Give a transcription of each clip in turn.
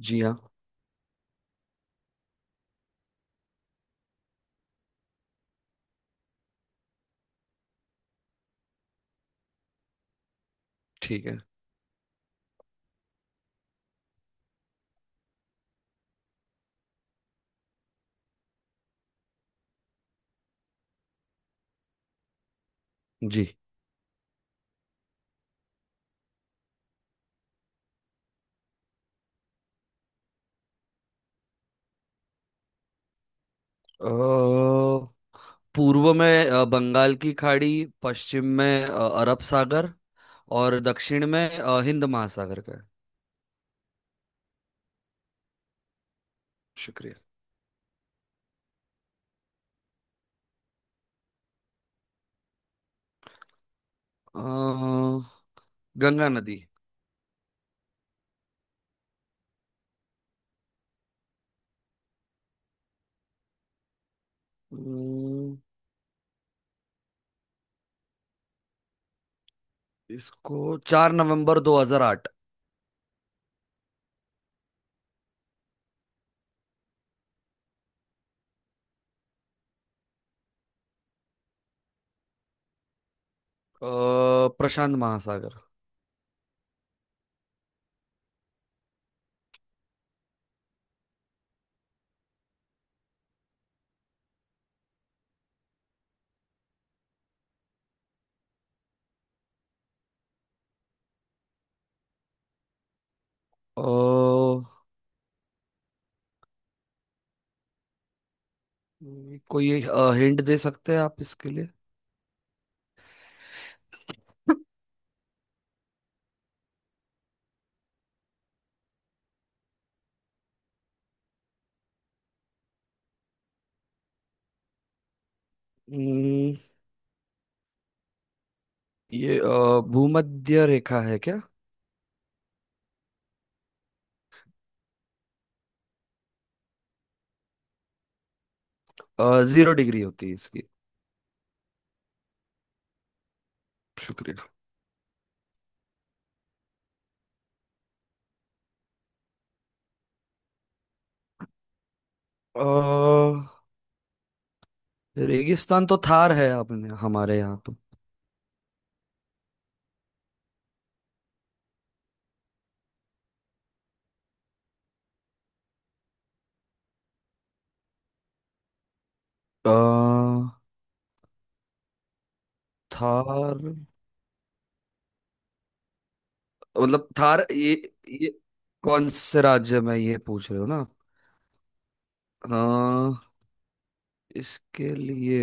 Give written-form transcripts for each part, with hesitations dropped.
जी हाँ। ठीक है। जी। अ, पूर्व में बंगाल की खाड़ी पश्चिम में अरब सागर और दक्षिण में हिंद महासागर का है। शुक्रिया। अ, गंगा नदी। अम्म, इसको 4 नवंबर 2008। प्रशांत महासागर। अ, कोई हिंट दे सकते हैं आप इसके लिए। अम्म, ये भूमध्य रेखा है क्या? 0 डिग्री होती है इसकी। शुक्रिया। अ, रेगिस्तान तो थार है आपने हमारे यहाँ पे। अ, थार। मतलब थार। ये कौन से राज्य में ये पूछ रहे हो ना आप? इसके लिए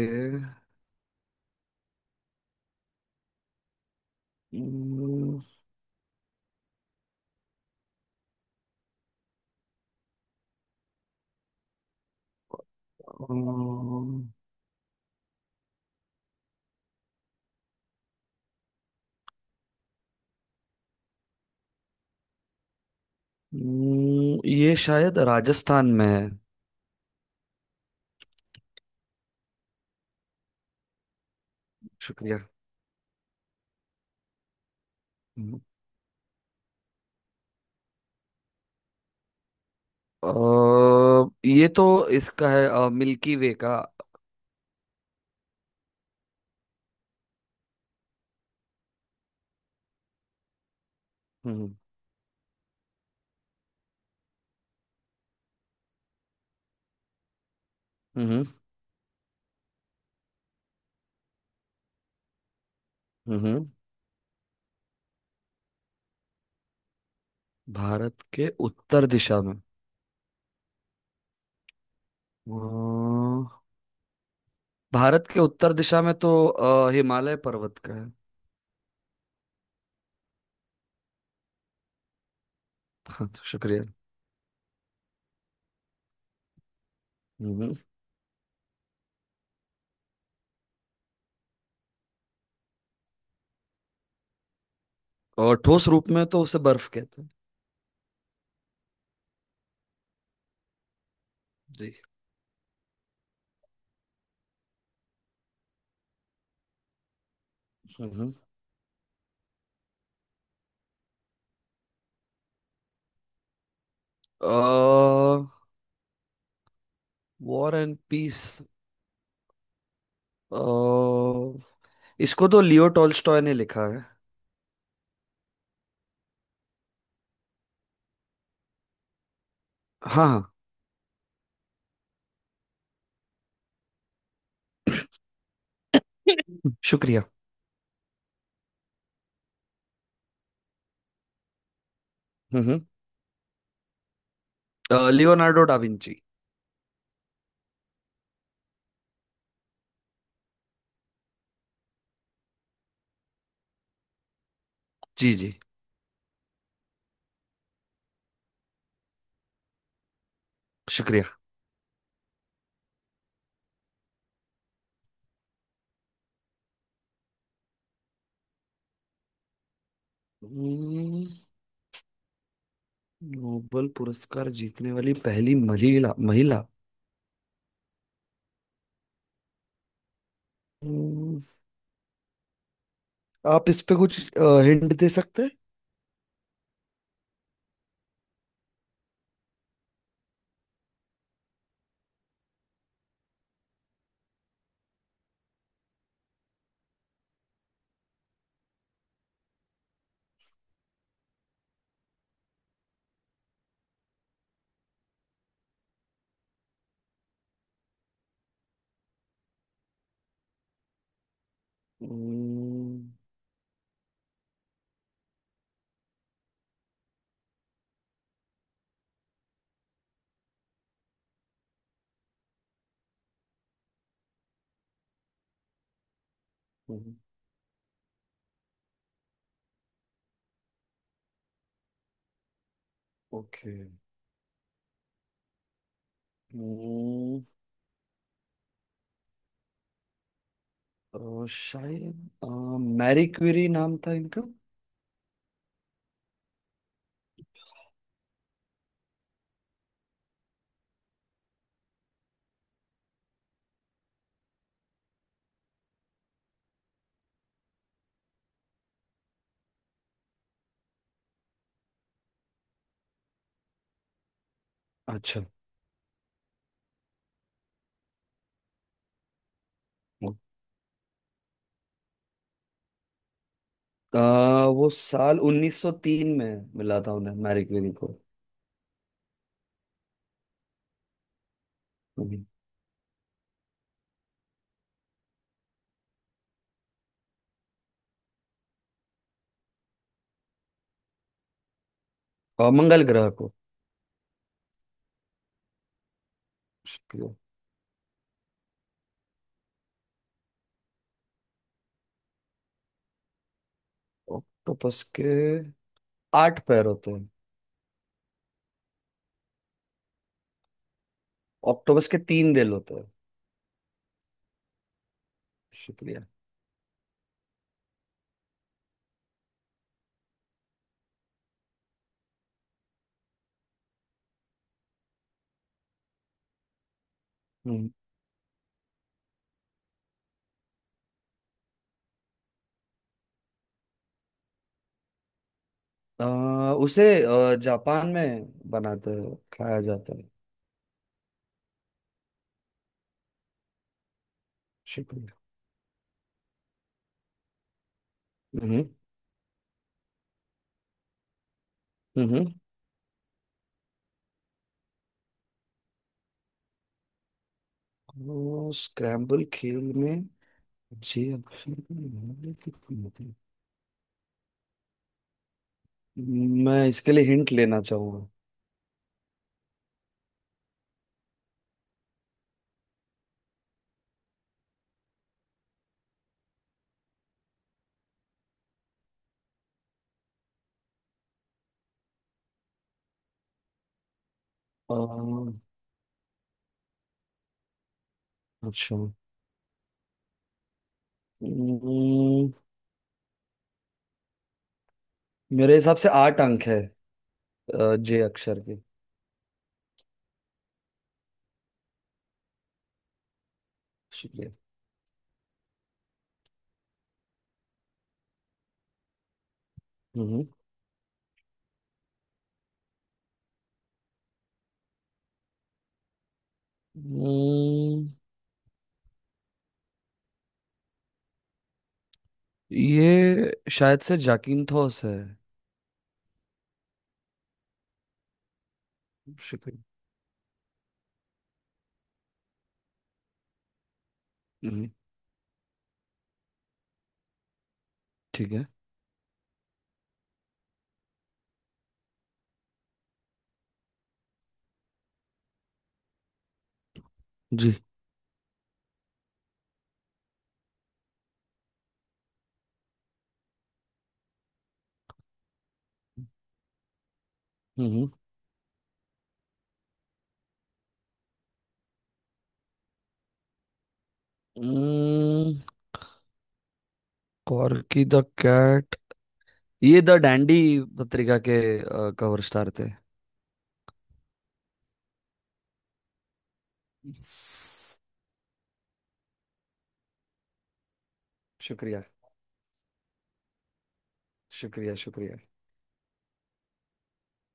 हम्म, अम्म, ये शायद राजस्थान में है। शुक्रिया। हम्म। ये तो इसका है मिल्की वे का। हम्म हम्म हम्म हम्म, भारत के उत्तर दिशा में। अ, भारत के उत्तर दिशा में तो हिमालय पर्वत का है। हाँ तो शुक्रिया। हम्म और ठोस रूप में तो उसे बर्फ कहते हैं। जी। हम्म वॉर एंड पीस इसको तो लियो टॉल्स्टॉय ने लिखा है। हाँ हाँ। शुक्रिया। हम्म लियोनार्डो डा विंची। जी जी। शुक्रिया। हम्म, नोबेल पुरस्कार जीतने वाली पहली महिला महिला। हम्म, आप इस पे कुछ हिंट दे सकते हैं। हम्म, ओके। हम्म, तो शायद मैरी क्यूरी नाम था इनका। अच्छा। वो अ, वो साल 1903 में मिला था उन्हें मैरी क्यूरी को। हम्म, और मंगल ग्रह को। शुक्रिया। ऑक्टोपस के आठ पैर होते हैं। ऑक्टोपस के तीन दिल होते हैं। शुक्रिया। हम्म, अ, उसे जापान में बनाते हैं खाया जाता है। शुक्रिया। हम्म स्क्रैम्बल खेल में। जी अक्षर का नाम कितने होते हैं? मैं इसके लिए हिंट लेना चाहूंगा। अ, अच्छा। हम्म, मेरे हिसाब से आठ अंक है जे अक्षर के। शुक्रिया। हम्म हम्म, ये शायद से जाकिन्थोस है। शुक्रिया। हम्म, ठीक है। जी। हम्म हम्म, कॉर्की द कैट ये द डैंडी पत्रिका के कवर स्टार थे। शुक्रिया शुक्रिया शुक्रिया।